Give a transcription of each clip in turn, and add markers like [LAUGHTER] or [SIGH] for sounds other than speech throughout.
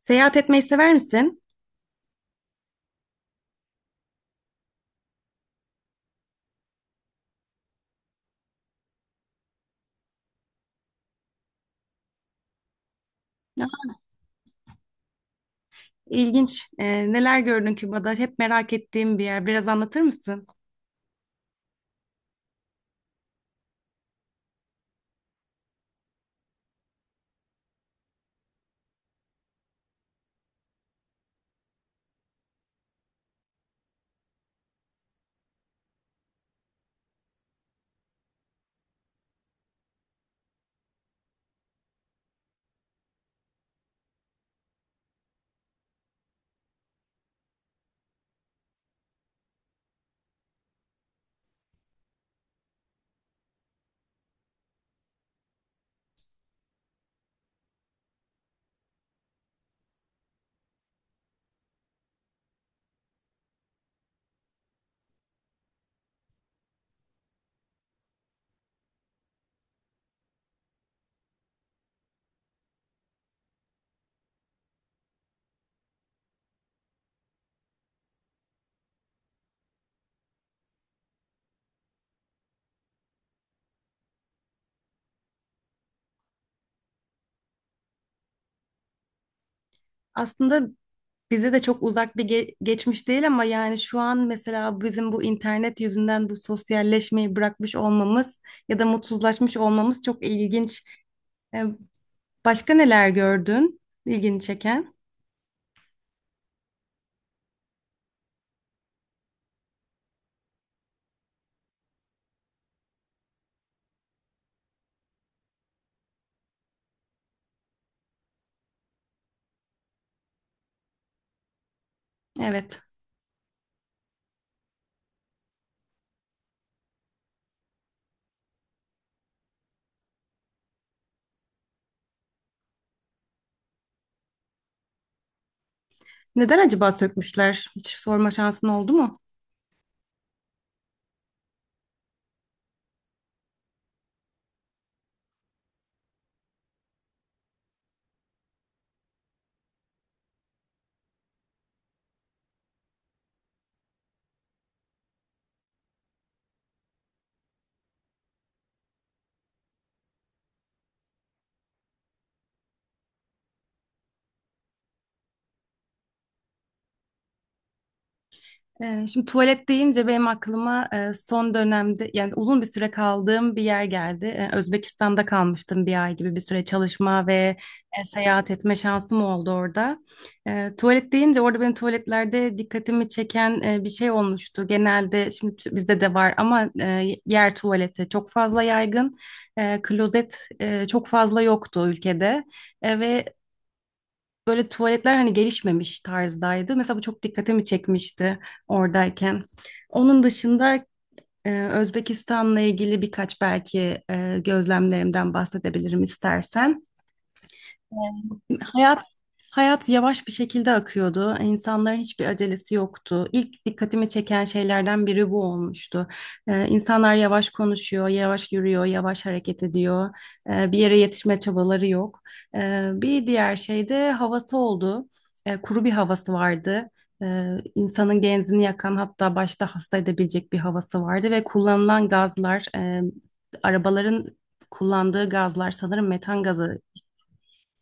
Seyahat etmeyi sever misin? İlginç. Neler gördün Küba'da? Hep merak ettiğim bir yer. Biraz anlatır mısın? Aslında bize de çok uzak bir geçmiş değil ama yani şu an mesela bizim bu internet yüzünden bu sosyalleşmeyi bırakmış olmamız ya da mutsuzlaşmış olmamız çok ilginç. E, Başka neler gördün? İlgini çeken. Evet. Neden acaba sökmüşler? Hiç sorma şansın oldu mu? Şimdi tuvalet deyince benim aklıma son dönemde yani uzun bir süre kaldığım bir yer geldi. Özbekistan'da kalmıştım bir ay gibi bir süre çalışma ve seyahat etme şansım oldu orada. Tuvalet deyince orada benim tuvaletlerde dikkatimi çeken bir şey olmuştu. Genelde şimdi bizde de var ama yer tuvaleti çok fazla yaygın. Klozet çok fazla yoktu ülkede. Ve böyle tuvaletler hani gelişmemiş tarzdaydı. Mesela bu çok dikkatimi çekmişti oradayken. Onun dışında Özbekistan'la ilgili birkaç belki gözlemlerimden bahsedebilirim istersen. Hayat hayat yavaş bir şekilde akıyordu. İnsanların hiçbir acelesi yoktu. İlk dikkatimi çeken şeylerden biri bu olmuştu. İnsanlar yavaş konuşuyor, yavaş yürüyor, yavaş hareket ediyor. Bir yere yetişme çabaları yok. Bir diğer şey de havası oldu. Kuru bir havası vardı. İnsanın genzini yakan hatta başta hasta edebilecek bir havası vardı ve kullanılan gazlar, arabaların kullandığı gazlar sanırım metan gazı.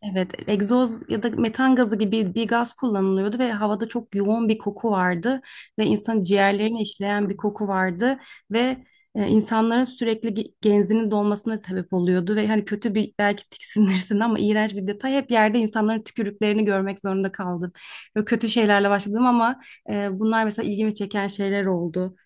Evet, egzoz ya da metan gazı gibi bir gaz kullanılıyordu ve havada çok yoğun bir koku vardı ve insan ciğerlerini işleyen bir koku vardı ve insanların sürekli genzinin dolmasına sebep oluyordu ve hani kötü bir belki tiksinirsin ama iğrenç bir detay hep yerde insanların tükürüklerini görmek zorunda kaldım. Böyle kötü şeylerle başladım ama bunlar mesela ilgimi çeken şeyler oldu.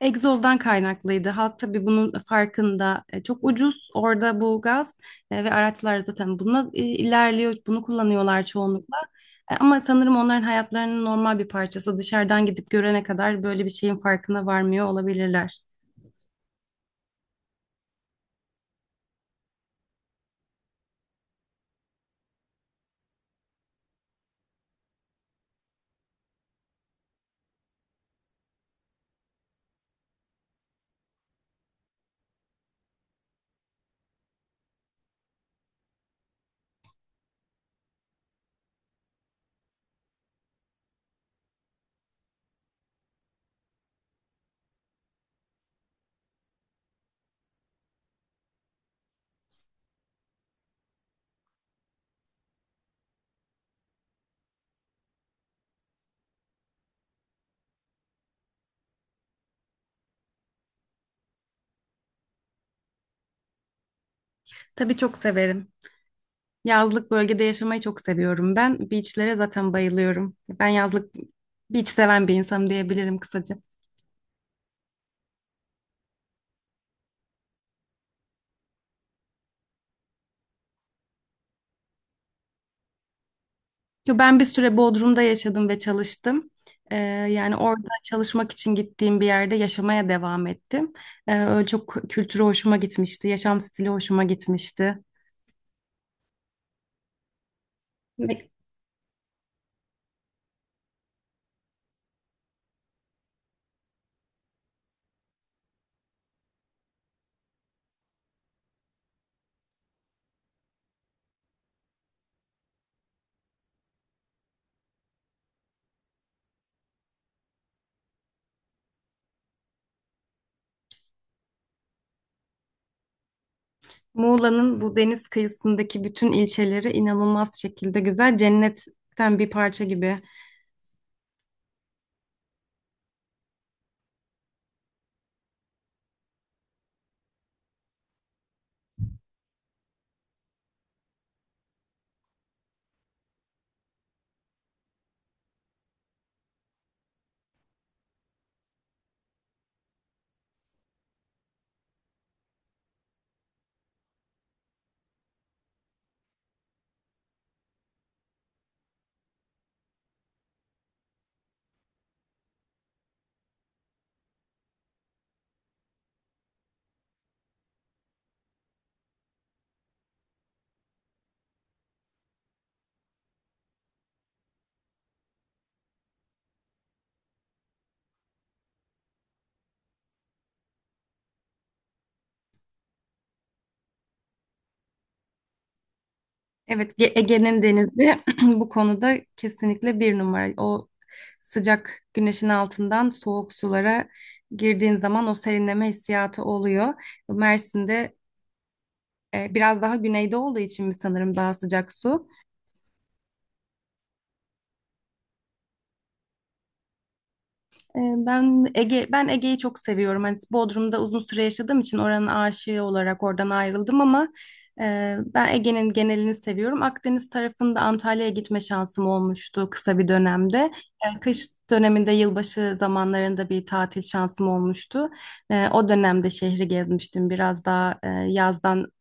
Egzozdan kaynaklıydı. Halk tabii bunun farkında. Çok ucuz orada bu gaz ve araçlar zaten bununla ilerliyor. Bunu kullanıyorlar çoğunlukla. Ama sanırım onların hayatlarının normal bir parçası. Dışarıdan gidip görene kadar böyle bir şeyin farkına varmıyor olabilirler. Tabii çok severim. Yazlık bölgede yaşamayı çok seviyorum ben. Beachlere zaten bayılıyorum. Ben yazlık beach seven bir insanım diyebilirim kısaca. Yo, ben bir süre Bodrum'da yaşadım ve çalıştım. Ee, Yani orada çalışmak için gittiğim bir yerde yaşamaya devam ettim. Öyle çok kültürü hoşuma gitmişti, yaşam stili hoşuma gitmişti. Ve Muğla'nın bu deniz kıyısındaki bütün ilçeleri inanılmaz şekilde güzel, cennetten bir parça gibi. Evet, Ege'nin denizi [CLEARS THROAT] bu konuda kesinlikle bir numara. O sıcak güneşin altından soğuk sulara girdiğin zaman o serinleme hissiyatı oluyor. Mersin'de biraz daha güneyde olduğu için mi sanırım daha sıcak su. Ben Ege'yi çok seviyorum. Hani Bodrum'da uzun süre yaşadığım için oranın aşığı olarak oradan ayrıldım ama ben Ege'nin genelini seviyorum. Akdeniz tarafında Antalya'ya gitme şansım olmuştu kısa bir dönemde. Kış döneminde yılbaşı zamanlarında bir tatil şansım olmuştu. O dönemde şehri gezmiştim. Biraz daha yazdan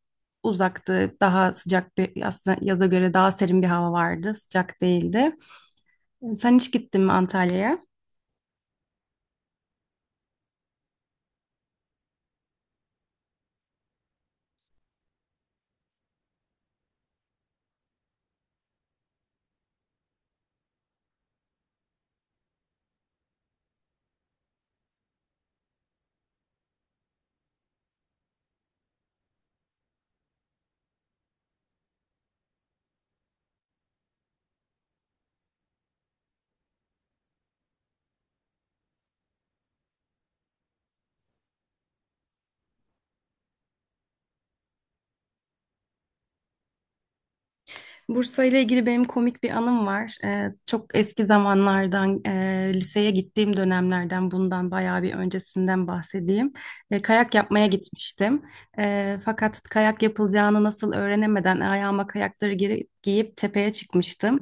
uzaktı. Daha sıcak bir aslında yaza göre daha serin bir hava vardı. Sıcak değildi. Sen hiç gittin mi Antalya'ya? Bursa ile ilgili benim komik bir anım var. Çok eski zamanlardan, liseye gittiğim dönemlerden, bundan bayağı bir öncesinden bahsedeyim. Kayak yapmaya gitmiştim. Fakat kayak yapılacağını nasıl öğrenemeden ayağıma kayakları geri, giyip tepeye çıkmıştım.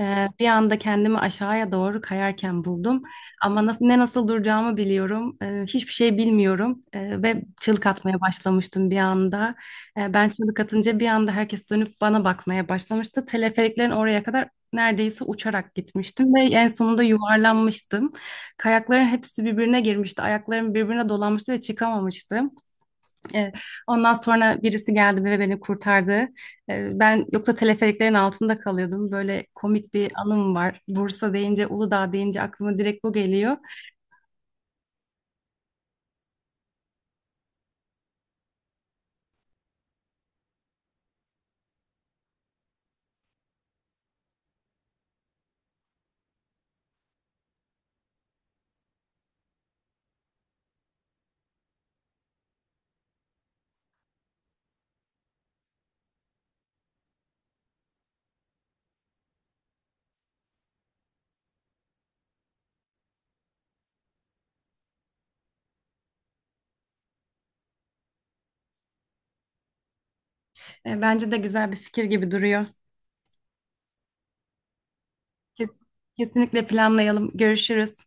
Bir anda kendimi aşağıya doğru kayarken buldum. Ama nasıl, ne nasıl duracağımı biliyorum. Hiçbir şey bilmiyorum. Ve çığlık atmaya başlamıştım bir anda. Ben çığlık atınca bir anda herkes dönüp bana bakmaya başlamıştı. Teleferiklerin oraya kadar neredeyse uçarak gitmiştim ve en sonunda yuvarlanmıştım. Kayakların hepsi birbirine girmişti. Ayaklarım birbirine dolanmıştı ve çıkamamıştım. E, Ondan sonra birisi geldi ve beni kurtardı. Ben yoksa teleferiklerin altında kalıyordum. Böyle komik bir anım var. Bursa deyince, Uludağ deyince aklıma direkt bu geliyor. Bence de güzel bir fikir gibi duruyor. Kes- Kesinlikle planlayalım. Görüşürüz.